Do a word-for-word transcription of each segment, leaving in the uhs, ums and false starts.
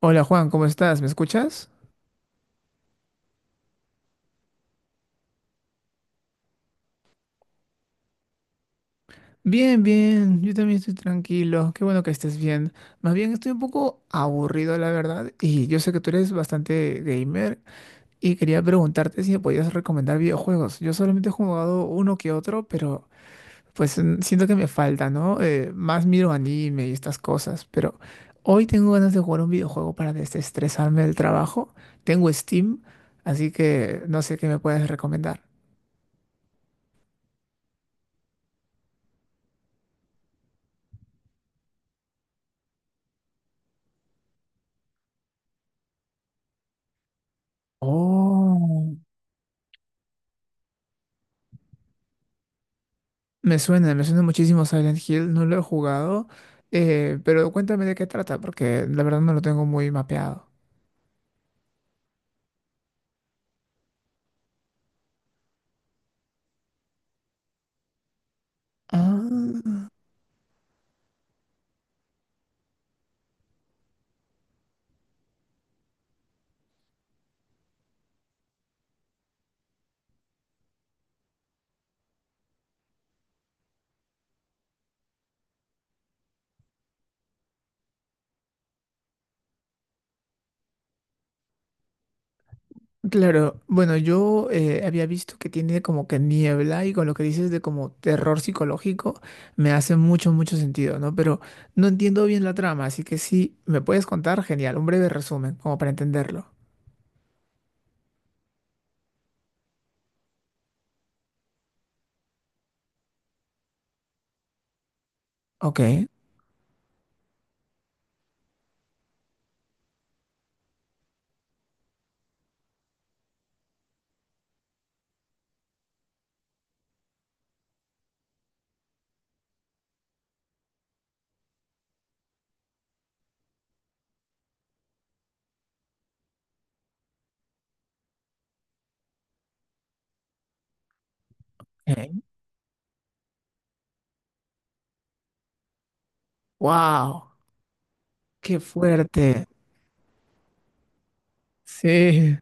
Hola Juan, ¿cómo estás? ¿Me escuchas? Bien, bien, yo también estoy tranquilo, qué bueno que estés bien. Más bien estoy un poco aburrido, la verdad, y yo sé que tú eres bastante gamer y quería preguntarte si me podías recomendar videojuegos. Yo solamente he jugado uno que otro, pero pues mm, siento que me falta, ¿no? Eh, más miro anime y estas cosas, pero hoy tengo ganas de jugar un videojuego para desestresarme del trabajo. Tengo Steam, así que no sé qué me puedes recomendar. Oh. Me suena, me suena muchísimo Silent Hill, no lo he jugado, eh, pero cuéntame de qué trata, porque la verdad no lo tengo muy mapeado. Ah, claro. Bueno, yo eh, había visto que tiene como que niebla y con lo que dices de como terror psicológico me hace mucho, mucho sentido, ¿no? Pero no entiendo bien la trama, así que sí, me puedes contar, genial, un breve resumen, como para entenderlo. Ok. Ok. Wow, qué fuerte. Sí.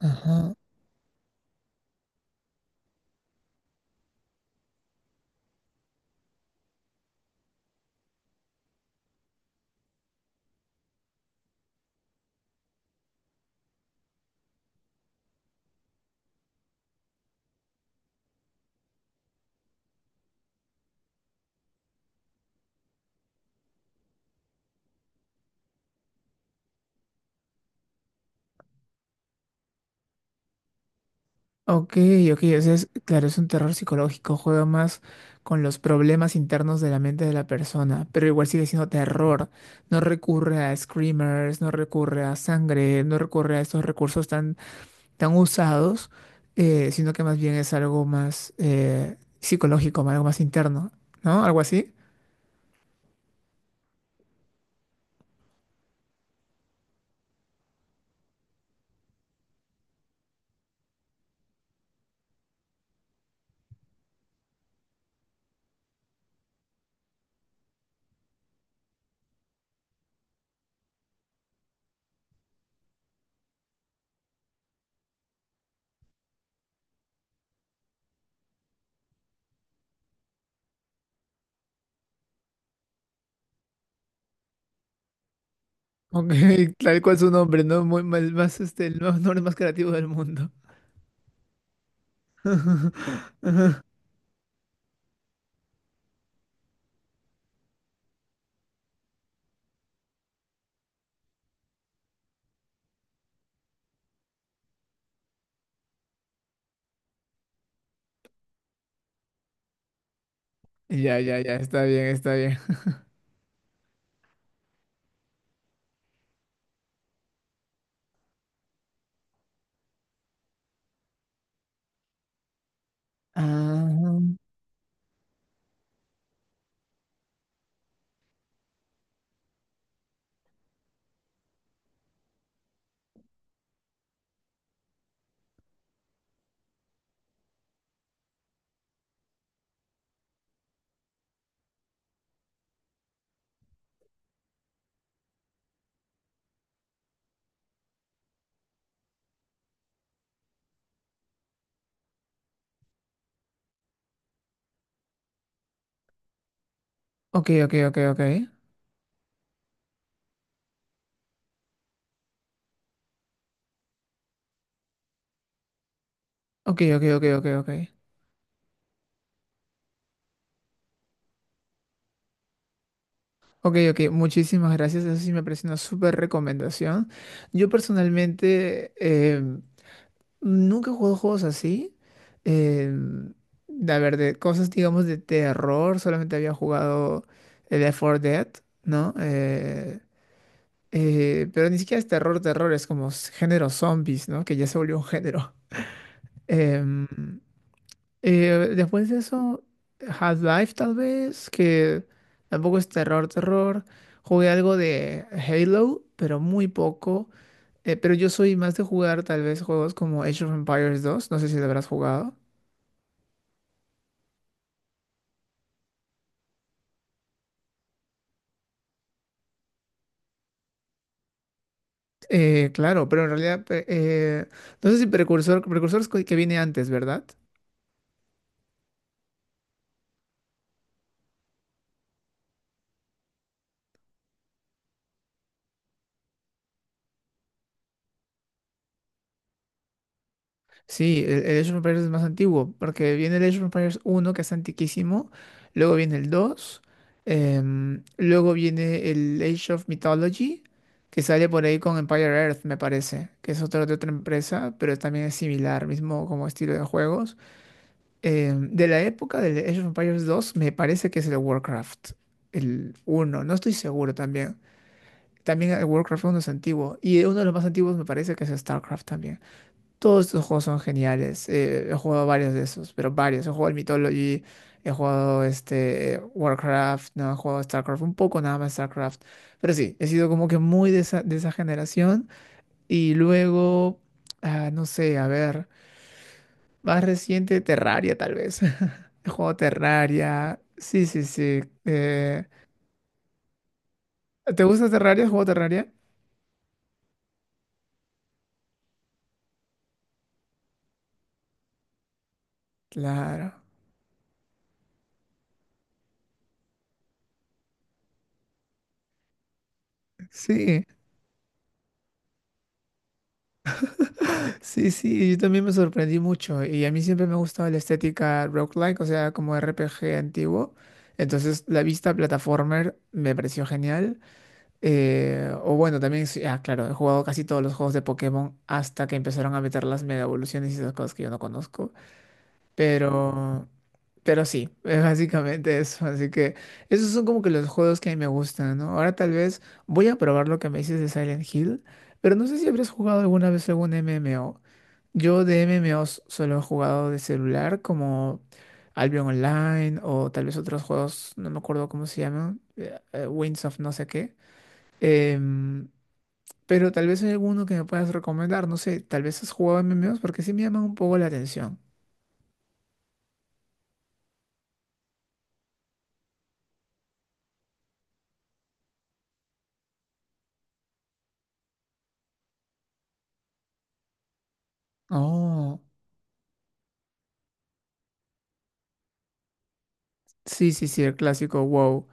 Ajá. Ok, ok, o sea, es- claro, es un terror psicológico, juega más con los problemas internos de la mente de la persona, pero igual sigue siendo terror. No recurre a screamers, no recurre a sangre, no recurre a estos recursos tan, tan usados, eh, sino que más bien es algo más eh, psicológico, algo más interno, ¿no? Algo así. Ok, tal cual su nombre, ¿no? Muy mal, más este, el más- nombre más creativo del mundo. Ya, ya, ya, está bien, está bien. Ah. Ok, ok, ok, ok. Ok, ok, ok, ok, ok. Ok, ok, muchísimas gracias. Eso sí me parece una súper recomendación. Yo personalmente eh, nunca he jugado juegos así. Eh, a ver, de cosas, digamos, de terror. Solamente había jugado el Left four Dead, ¿no? Eh, eh, pero ni siquiera es terror, terror. Es como s- género zombies, ¿no? Que ya se volvió un género. Em, Eh, después de eso, Half-Life tal vez, que tampoco es terror, terror. Jugué algo de Halo, pero muy poco. Eh, pero yo soy más de jugar tal vez juegos como Age of Empires dos, no sé si lo habrás jugado. Eh, claro, pero en realidad, pe- eh, no sé si Precursor, Precursor es que que viene antes, ¿verdad? Sí, el, el Age of Empires es más antiguo, porque viene el Age of Empires uno que es antiquísimo, luego viene el dos, em, luego viene el Age of Mythology, que sale por ahí con Empire Earth, me parece, que es otra de otra empresa, pero también es similar, mismo como estilo de juegos. Em, de la época del Age of Empires dos me parece que es el Warcraft, el uno, no estoy seguro también. También el Warcraft uno es antiguo, y uno de los más antiguos me parece que es StarCraft también. Todos estos juegos son geniales. eh, he jugado varios de esos, pero varios. He jugado el Mythology, he jugado este Warcraft, no he jugado StarCraft, un poco nada más StarCraft. Pero sí, he sido como que muy de esa, de esa generación. Y luego, ah, no sé, a ver, más reciente Terraria tal vez. He jugado Terraria. Sí, sí, sí. eh, ¿te gusta Terraria? ¿Has jugado Terraria? Claro. Sí. Sí, sí, yo también me sorprendí mucho y a mí siempre me ha gustado la estética roguelike, o sea, como R P G antiguo. Entonces, la vista platformer me pareció genial. Eh, o bueno, también, sí, ah, claro, he jugado casi todos los juegos de Pokémon hasta que empezaron a meter las mega evoluciones y esas cosas que yo no conozco. Pero, pero sí, es básicamente eso. Así que esos son como que los juegos que a mí me gustan, ¿no? Ahora tal vez voy a probar lo que me dices de Silent Hill, pero no sé si habrás jugado alguna vez algún M M O. Yo de M M Os solo he jugado de celular, como Albion Online o tal vez otros juegos, no me acuerdo cómo se llaman, eh, eh, Winds of no sé qué. Em, pero tal vez hay alguno que me puedas recomendar, no sé, tal vez has jugado M M Os porque sí me llaman un poco la atención. Oh. Sí, sí, sí, el clásico, wow.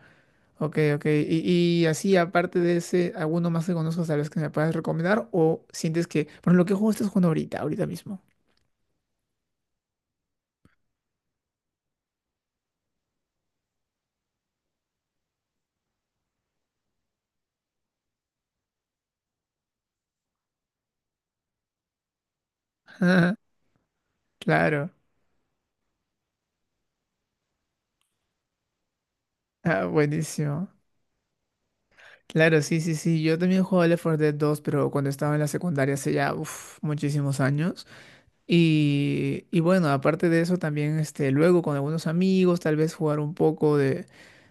Ok, ok. Y, y así, aparte de ese, ¿alguno más que conozcas tal vez que me puedas recomendar? ¿O sientes que, por ejemplo, qué juego estás jugando ahorita, ahorita mismo? Claro. Ah, buenísimo. Claro, sí, sí, sí. Yo también jugaba Left four Dead dos, pero cuando estaba en la secundaria hace ya uf, muchísimos años. Y, y bueno, aparte de eso, también este, luego con algunos amigos, tal vez jugar un poco de,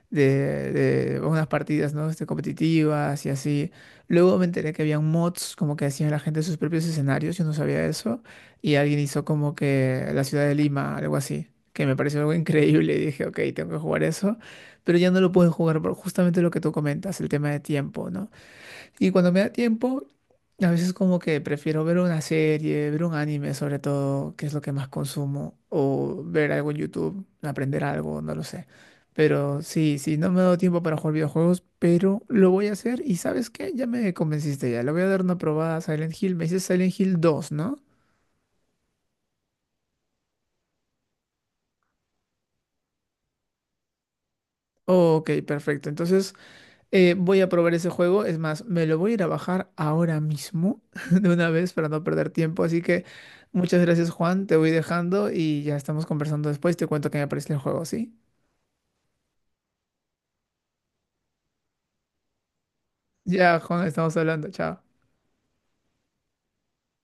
de, de unas partidas, ¿no? Este, competitivas y así. Luego me enteré que habían mods como que hacían la gente sus propios escenarios, yo no sabía eso. Y alguien hizo como que la ciudad de Lima, algo así, que me pareció algo increíble y dije, ok, tengo que jugar eso. Pero ya no lo pueden jugar por justamente lo que tú comentas, el tema de tiempo, ¿no? Y cuando me da tiempo, a veces como que prefiero ver una serie, ver un anime sobre todo, que es lo que más consumo, o ver algo en YouTube, aprender algo, no lo sé. Pero sí, sí, no me ha dado tiempo para jugar videojuegos, pero lo voy a hacer. Y ¿sabes qué? Ya me convenciste ya. Le voy a dar una probada a Silent Hill. Me dices Silent Hill dos, ¿no? Ok, perfecto. Entonces... Eh, voy a probar ese juego, es más, me lo voy a ir a bajar ahora mismo de una vez para no perder tiempo, así que muchas gracias Juan, te voy dejando y ya estamos conversando después, te cuento qué me parece el juego, ¿sí? Ya Juan, estamos hablando, chao.